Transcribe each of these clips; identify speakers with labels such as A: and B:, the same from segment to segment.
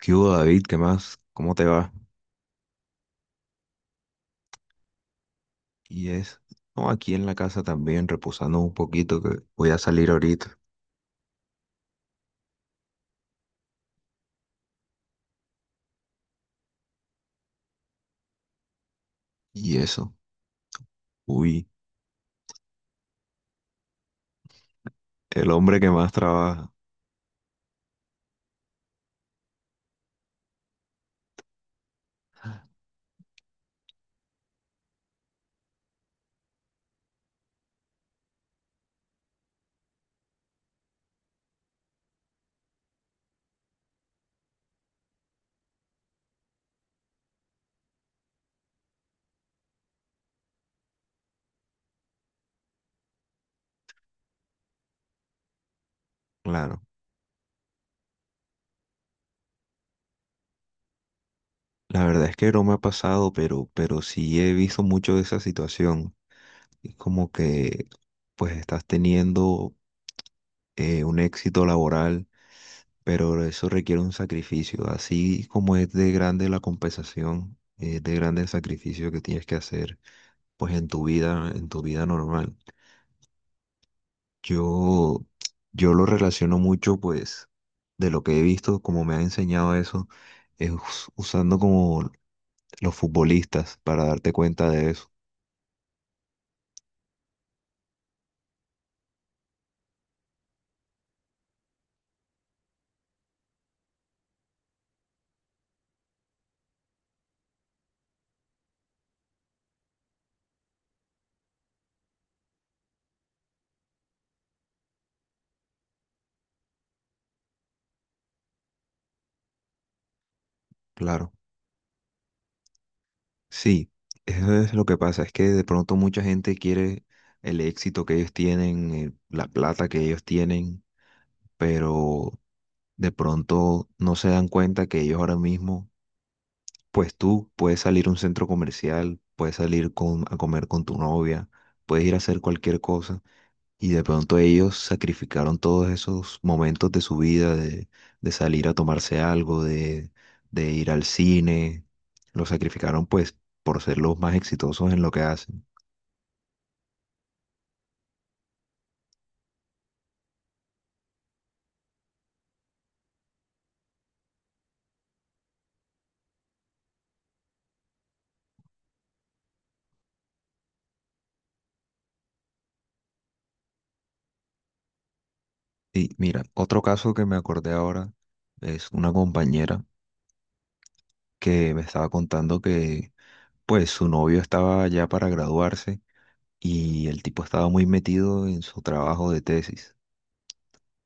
A: ¿Qué hubo, David? ¿Qué más? ¿Cómo te va? Y es, no, aquí en la casa también, reposando un poquito, que voy a salir ahorita. Y eso, uy, el hombre que más trabaja. Claro, la verdad es que no me ha pasado, pero sí he visto mucho de esa situación. Es como que, pues, estás teniendo un éxito laboral, pero eso requiere un sacrificio. Así como es de grande la compensación, es de grande el sacrificio que tienes que hacer, pues, en tu vida normal. Yo, yo lo relaciono mucho, pues, de lo que he visto, como me ha enseñado eso, es usando como los futbolistas para darte cuenta de eso. Claro. Sí, eso es lo que pasa, es que de pronto mucha gente quiere el éxito que ellos tienen, la plata que ellos tienen, pero de pronto no se dan cuenta que ellos ahora mismo, pues tú puedes salir a un centro comercial, puedes salir a comer con tu novia, puedes ir a hacer cualquier cosa. Y de pronto ellos sacrificaron todos esos momentos de su vida, de salir a tomarse algo, de ir al cine. Lo sacrificaron pues por ser los más exitosos en lo que hacen. Y mira, otro caso que me acordé ahora es una compañera que me estaba contando que pues su novio estaba ya para graduarse y el tipo estaba muy metido en su trabajo de tesis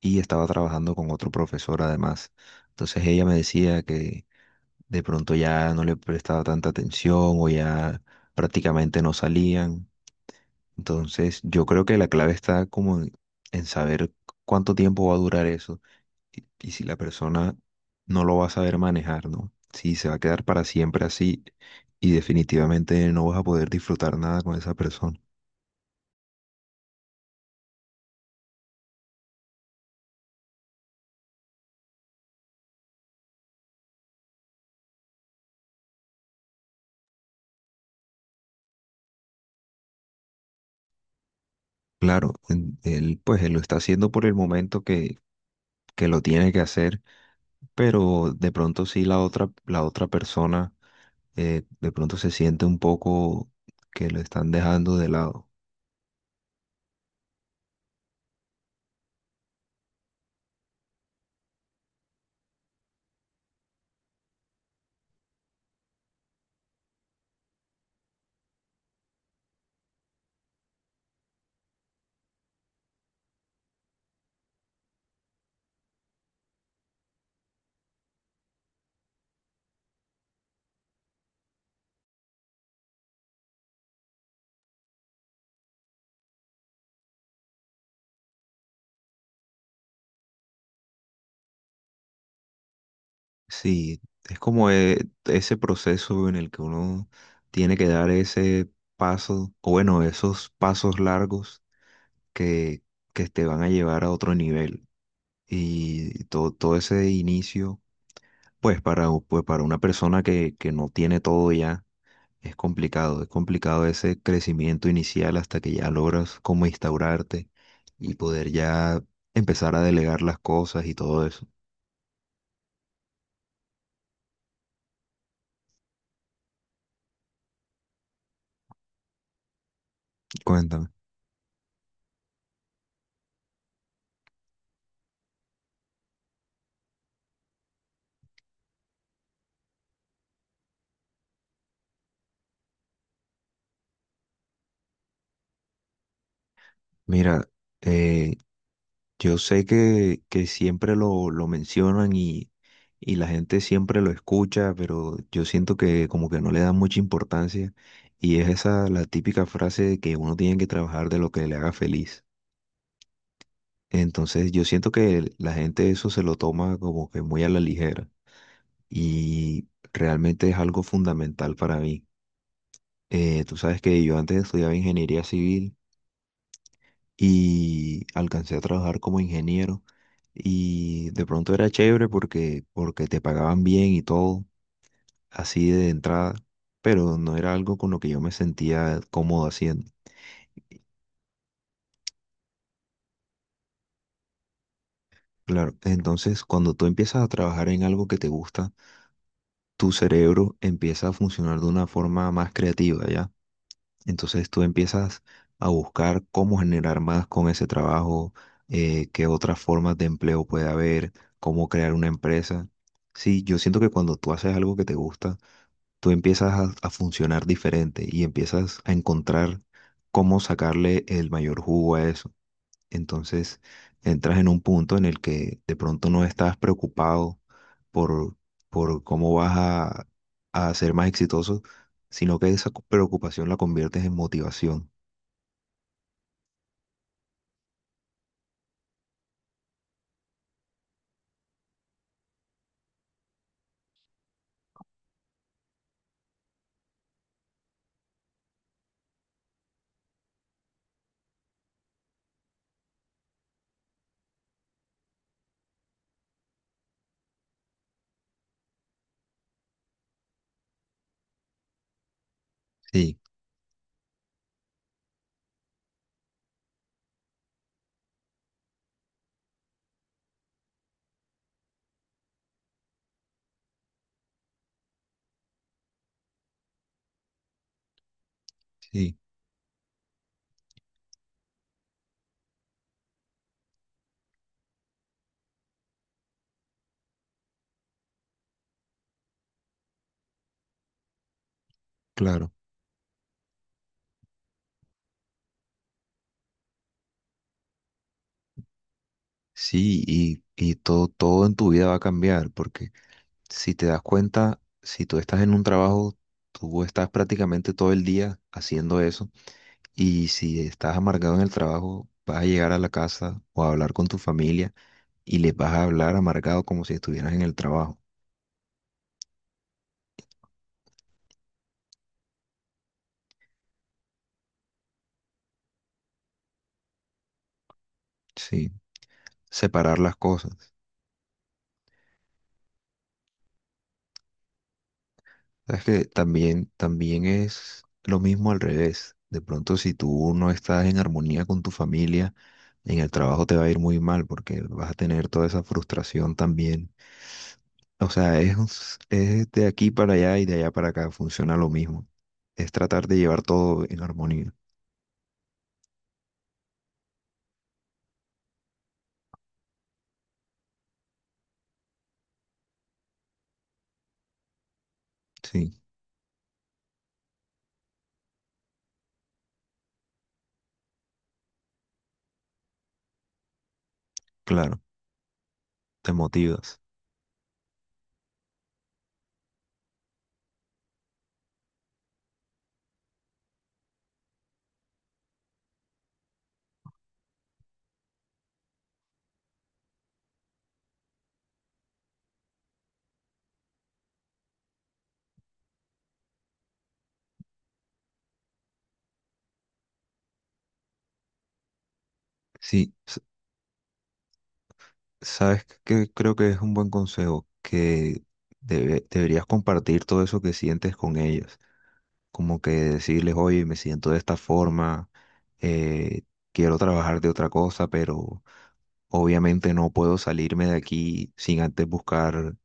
A: y estaba trabajando con otro profesor además. Entonces ella me decía que de pronto ya no le prestaba tanta atención o ya prácticamente no salían. Entonces, yo creo que la clave está como en saber cuánto tiempo va a durar eso y si la persona no lo va a saber manejar, ¿no? Si se va a quedar para siempre así y definitivamente no vas a poder disfrutar nada con esa persona. Claro, él pues él lo está haciendo por el momento que lo tiene que hacer, pero de pronto sí la otra persona de pronto se siente un poco que lo están dejando de lado. Sí, es como ese proceso en el que uno tiene que dar ese paso, o bueno, esos pasos largos que, que te van a llevar a otro nivel. Y todo, todo ese inicio, pues para, pues para una persona que no tiene todo ya, es complicado, es complicado ese crecimiento inicial hasta que ya logras como instaurarte y poder ya empezar a delegar las cosas y todo eso. Cuéntame. Mira, eh, yo sé que siempre lo mencionan y la gente siempre lo escucha, pero yo siento que como que no le dan mucha importancia y es esa la típica frase de que uno tiene que trabajar de lo que le haga feliz. Entonces yo siento que la gente eso se lo toma como que muy a la ligera. Y realmente es algo fundamental para mí. Tú sabes que yo antes estudiaba ingeniería civil y alcancé a trabajar como ingeniero y de pronto era chévere porque te pagaban bien y todo, así de entrada, pero no era algo con lo que yo me sentía cómodo haciendo. Claro, entonces cuando tú empiezas a trabajar en algo que te gusta, tu cerebro empieza a funcionar de una forma más creativa, ¿ya? Entonces tú empiezas a buscar cómo generar más con ese trabajo, qué otras formas de empleo puede haber, cómo crear una empresa. Sí, yo siento que cuando tú haces algo que te gusta, tú empiezas a funcionar diferente y empiezas a encontrar cómo sacarle el mayor jugo a eso. Entonces entras en un punto en el que de pronto no estás preocupado por, por cómo vas a ser más exitoso, sino que esa preocupación la conviertes en motivación. Sí, sí, claro. Sí, y todo, todo en tu vida va a cambiar, porque si te das cuenta, si tú estás en un trabajo, tú estás prácticamente todo el día haciendo eso, y si estás amargado en el trabajo, vas a llegar a la casa o a hablar con tu familia y les vas a hablar amargado como si estuvieras en el trabajo. Sí, separar las cosas. Sabes que también, también es lo mismo al revés. De pronto, si tú no estás en armonía con tu familia, en el trabajo te va a ir muy mal porque vas a tener toda esa frustración también. O sea, es, es de aquí para allá y de allá para acá, funciona lo mismo. Es tratar de llevar todo en armonía. Sí, claro, te motivas. Sí, sabes que creo que es un buen consejo que deberías compartir todo eso que sientes con ellas. Como que decirles, oye, me siento de esta forma, eh, quiero trabajar de otra cosa, pero obviamente no puedo salirme de aquí sin antes buscar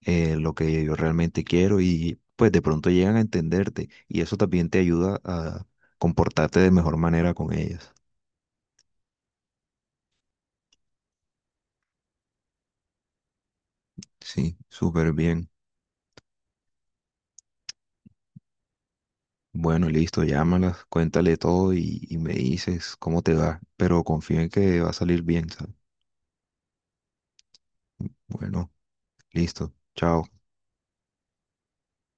A: lo que yo realmente quiero y pues de pronto llegan a entenderte y eso también te ayuda a comportarte de mejor manera con ellas. Sí, súper bien. Bueno, listo, llámalas, cuéntale todo y me dices cómo te va, pero confío en que va a salir bien, ¿sabes? Bueno, listo, chao.